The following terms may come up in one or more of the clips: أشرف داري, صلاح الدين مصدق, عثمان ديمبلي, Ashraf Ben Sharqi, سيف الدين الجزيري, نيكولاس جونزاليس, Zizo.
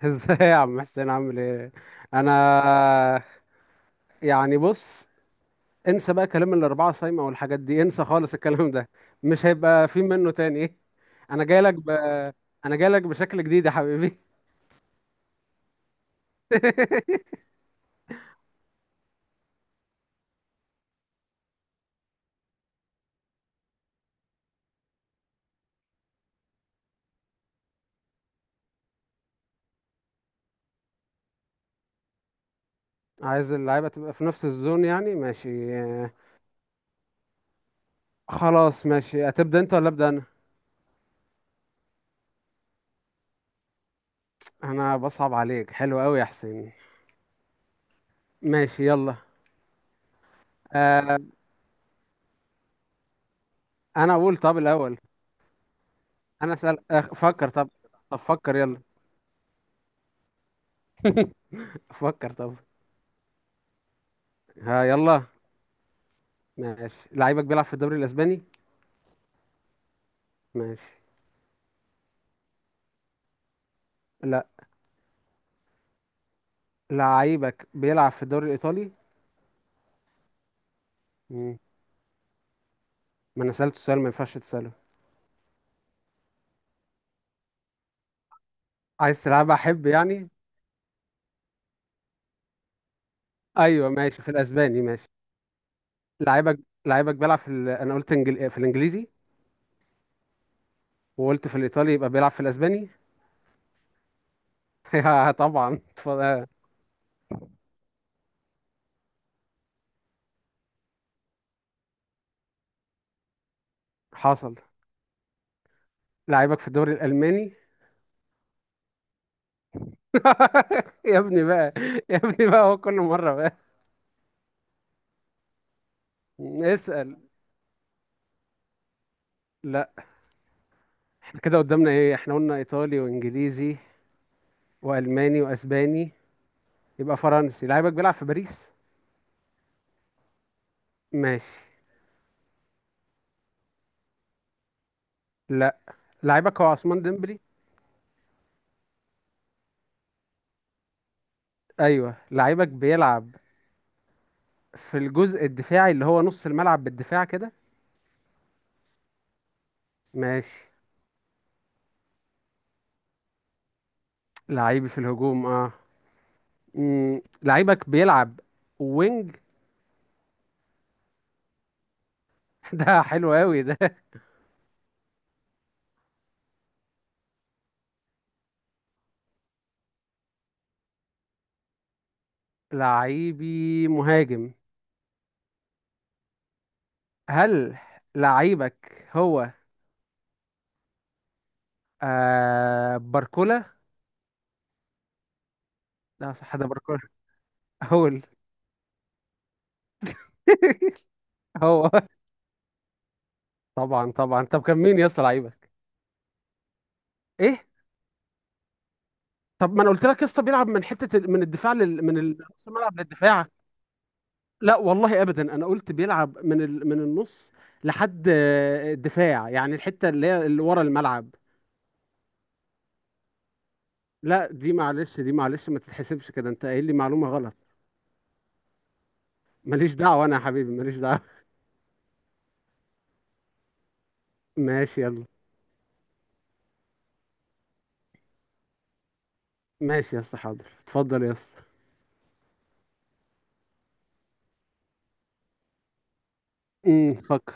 ازاي يا عم حسين، عامل ايه؟ انا يعني بص، انسى بقى كلام الاربعه صايمه والحاجات دي، انسى خالص الكلام ده. مش هيبقى في منه تاني ايه؟ انا جاي لك ب... انا جاي لك بشكل جديد يا حبيبي. عايز اللعيبه تبقى في نفس الزون يعني، ماشي. خلاص ماشي، هتبدا انت ولا ابدا انا؟ انا بصعب عليك؟ حلو قوي يا حسين. ماشي يلا. آه، انا اقول طب الاول. انا اسال، فكر طب. طب فكر يلا. فكر طب. ها يلا. ماشي. لعيبك بيلعب في الدوري الاسباني؟ ماشي. لا. لعيبك بيلعب في الدوري الإيطالي؟ مم. ما انا سألته سؤال ما ينفعش تسأله. عايز تلعبها أحب يعني؟ أيوه ماشي، في الأسباني ماشي. لعيبك، بيلعب في أنا قلت في الإنجليزي. وقلت في الإيطالي، يبقى بيلعب في الأسباني؟ يا طبعا اتفضل. حصل. لعيبك في الدوري الألماني؟ يا ابني بقى، يا ابني بقى، هو كل مرة بقى. اسأل. لا. احنا كده قدامنا ايه؟ احنا قلنا ايطالي وانجليزي والماني واسباني، يبقى فرنسي. لعيبك بيلعب في باريس؟ ماشي. لا. لعيبك هو عثمان ديمبلي؟ ايوه. لعيبك بيلعب في الجزء الدفاعي اللي هو نص الملعب بالدفاع كده؟ ماشي. لعيبي في الهجوم اه. مم. لعيبك بيلعب وينج؟ ده حلو قوي ده. لعيبي مهاجم؟ هل لعيبك هو باركولا؟ لا صح، ده باركولا هول. هو طبعا طبعا. طب كان مين يا اسطى لعيبك؟ ايه؟ طب ما انا قلت لك يا اسطى، بيلعب من حته من الدفاع من نص الملعب للدفاع. لا والله ابدا، انا قلت بيلعب من من النص لحد الدفاع، يعني الحته اللي هي اللي ورا الملعب. لا دي معلش، دي معلش، ما تتحسبش كده، انت قايل لي معلومه غلط. ماليش دعوه انا يا حبيبي، ماليش دعوه. ماشي يلا. ماشي يا اسطى، حاضر، اتفضل يا اسطى. فكر.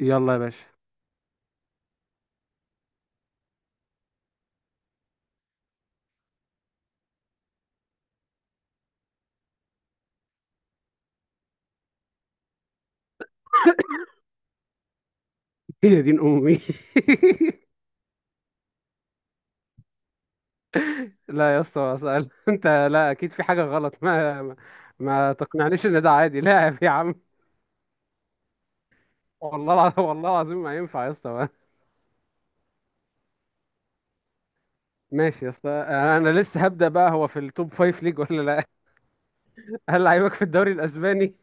يلا يا باشا. هي دين امي. لا يا اسطى سأل. انت لا اكيد في حاجه غلط. ما تقنعنيش ان ده عادي. لاعب يا عم. والله العظيم ما ينفع يا اسطى بقى. ماشي يا اسطى، انا لسه هبدأ بقى. هو في التوب فايف ليج ولا لا؟ هل لعيبك في الدوري الاسباني؟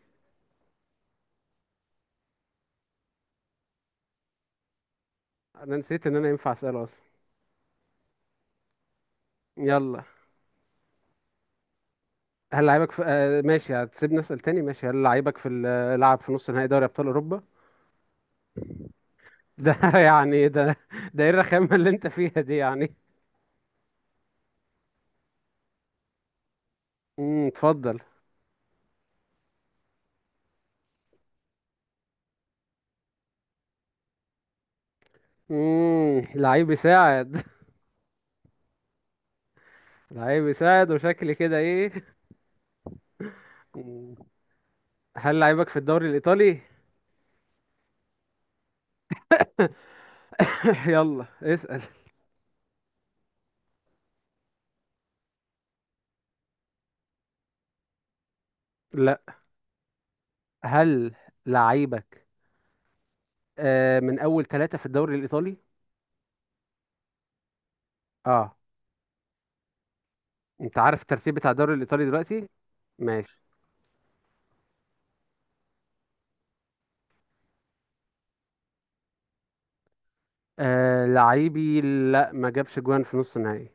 انا نسيت ان انا ينفع اساله اصلا. يلا. هل لعيبك في ماشي، هتسيبني اسال تاني؟ ماشي. هل لعيبك في لعب في نص نهائي دوري ابطال اوروبا؟ ده يعني ده ايه الرخامه اللي انت فيها دي يعني؟ اتفضل. لعيب يساعد؟ لعيب يساعد وشكلي كده ايه؟ مم. هل لعيبك في الدوري الايطالي؟ يلا اسال. لا. هل لعيبك من اول ثلاثة في الدوري الايطالي؟ اه. انت عارف الترتيب بتاع الدوري الايطالي دلوقتي؟ ماشي. آه لعيبي، لا ما جابش جوان في نص النهائي.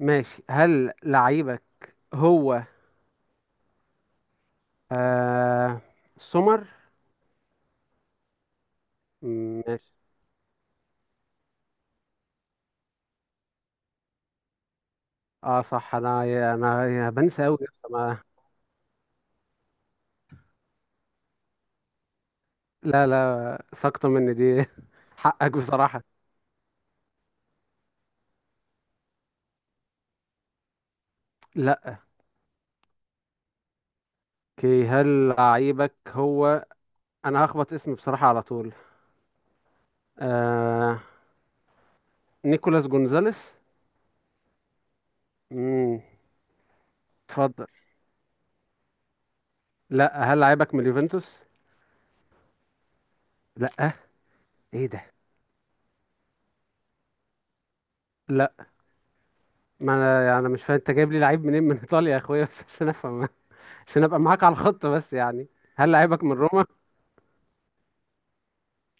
ماشي. هل لعيبك هو آه سمر؟ ماشي. اه صح، انا انا أنا بنسى قوي، لسه ما. لا لا، ساقطه مني دي، حقك بصراحة. لا. اوكي، هل لعيبك هو، انا هخبط اسمي بصراحة على طول، آه نيكولاس جونزاليس؟ امم اتفضل. لا. هل لعيبك من اليوفنتوس؟ لا. ايه ده؟ لا، ما انا يعني أنا مش فاهم، انت جايب لي لعيب منين من ايطاليا يا اخويا بس عشان افهم، عشان ابقى معاك على الخط بس يعني. هل لعيبك من روما؟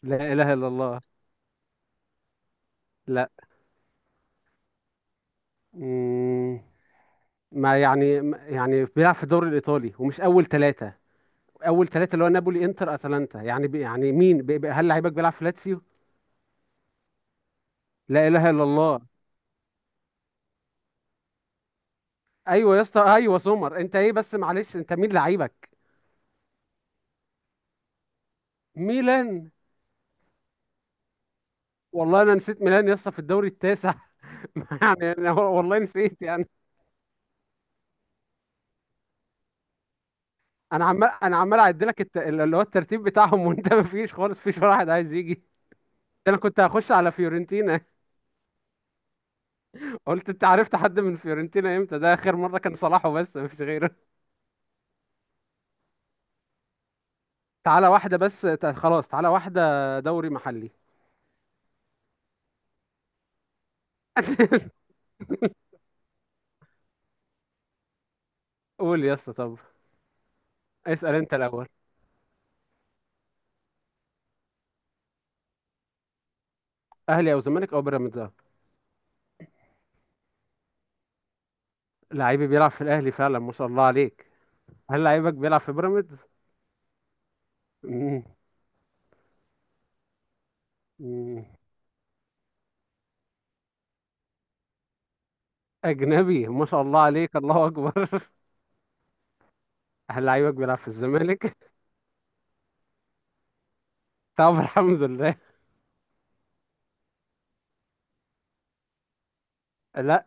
لا اله الا الله. لا. امم ما يعني يعني بيلعب في الدوري الايطالي ومش اول ثلاثة. اول ثلاثة اللي هو نابولي انتر اتلانتا، يعني بي، يعني مين، بي. هل لعيبك بيلعب في لاتسيو؟ لا اله الا الله. ايوه يا اسطى، ايوه سمر. انت ايه بس؟ معلش، انت مين لعيبك؟ ميلان؟ والله انا نسيت ميلان يا اسطى في الدوري التاسع. يعني انا والله نسيت يعني. انا عمال اعد لك اللي هو الترتيب بتاعهم، وانت ما فيش خالص، فيش ولا واحد عايز يجي. انا كنت هخش على فيورنتينا. قلت انت عرفت حد من فيورنتينا امتى؟ ده اخر مره كان صلاح وبس، ما فيش غيره. تعالى واحده بس خلاص، تعالى واحده دوري محلي. قول يا اسطى طب. اسال انت الاول. اهلي او زمالك او بيراميدز أهو. لعيبي بيلعب في الاهلي فعلا، ما شاء الله عليك. هل لعيبك بيلعب في بيراميدز؟ مم. مم. أجنبي، ما شاء الله عليك، الله أكبر. هل لعيبك بيلعب في الزمالك؟ طب الحمد لله. لا.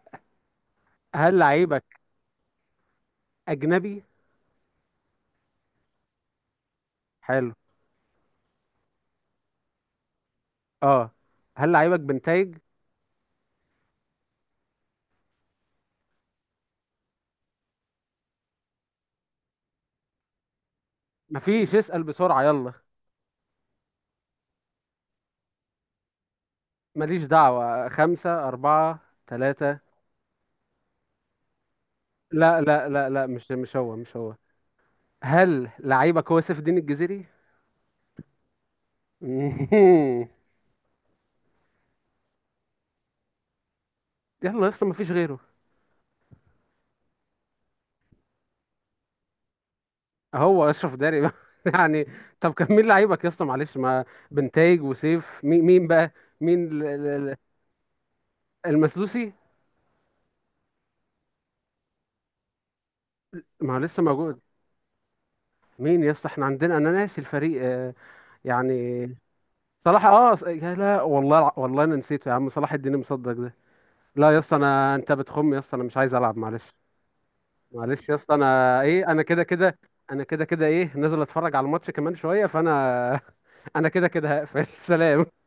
هل لعيبك أجنبي؟ حلو. أه. هل لعيبك بنتايج؟ مفيش، اسأل بسرعة يلا. ماليش دعوة. خمسة، أربعة، ثلاثة. لا لا لا لا، مش مش هو، مش هو. هل لعيبك هو سيف الدين الجزيري؟ مهم. يلا يا اسطى مفيش غيره. هو أشرف داري بقى. يعني. طب كان مين لعيبك يا اسطى معلش، ما بنتايج وسيف، مين مين بقى؟ مين؟ المسلوسي؟ ما هو لسه موجود. مين يا اسطى؟ احنا عندنا، انا ناسي الفريق يعني صلاح اه، يا لا والله والله انا نسيته يا عم، صلاح الدين مصدق ده. لا يا اسطى، انا، انت بتخم يا اسطى، انا مش عايز العب معلش. معلش يا اسطى، انا ايه، انا كده كده. انا كده كده ايه، نازل اتفرج على الماتش كمان شويه، انا كده كده هقفل. سلام.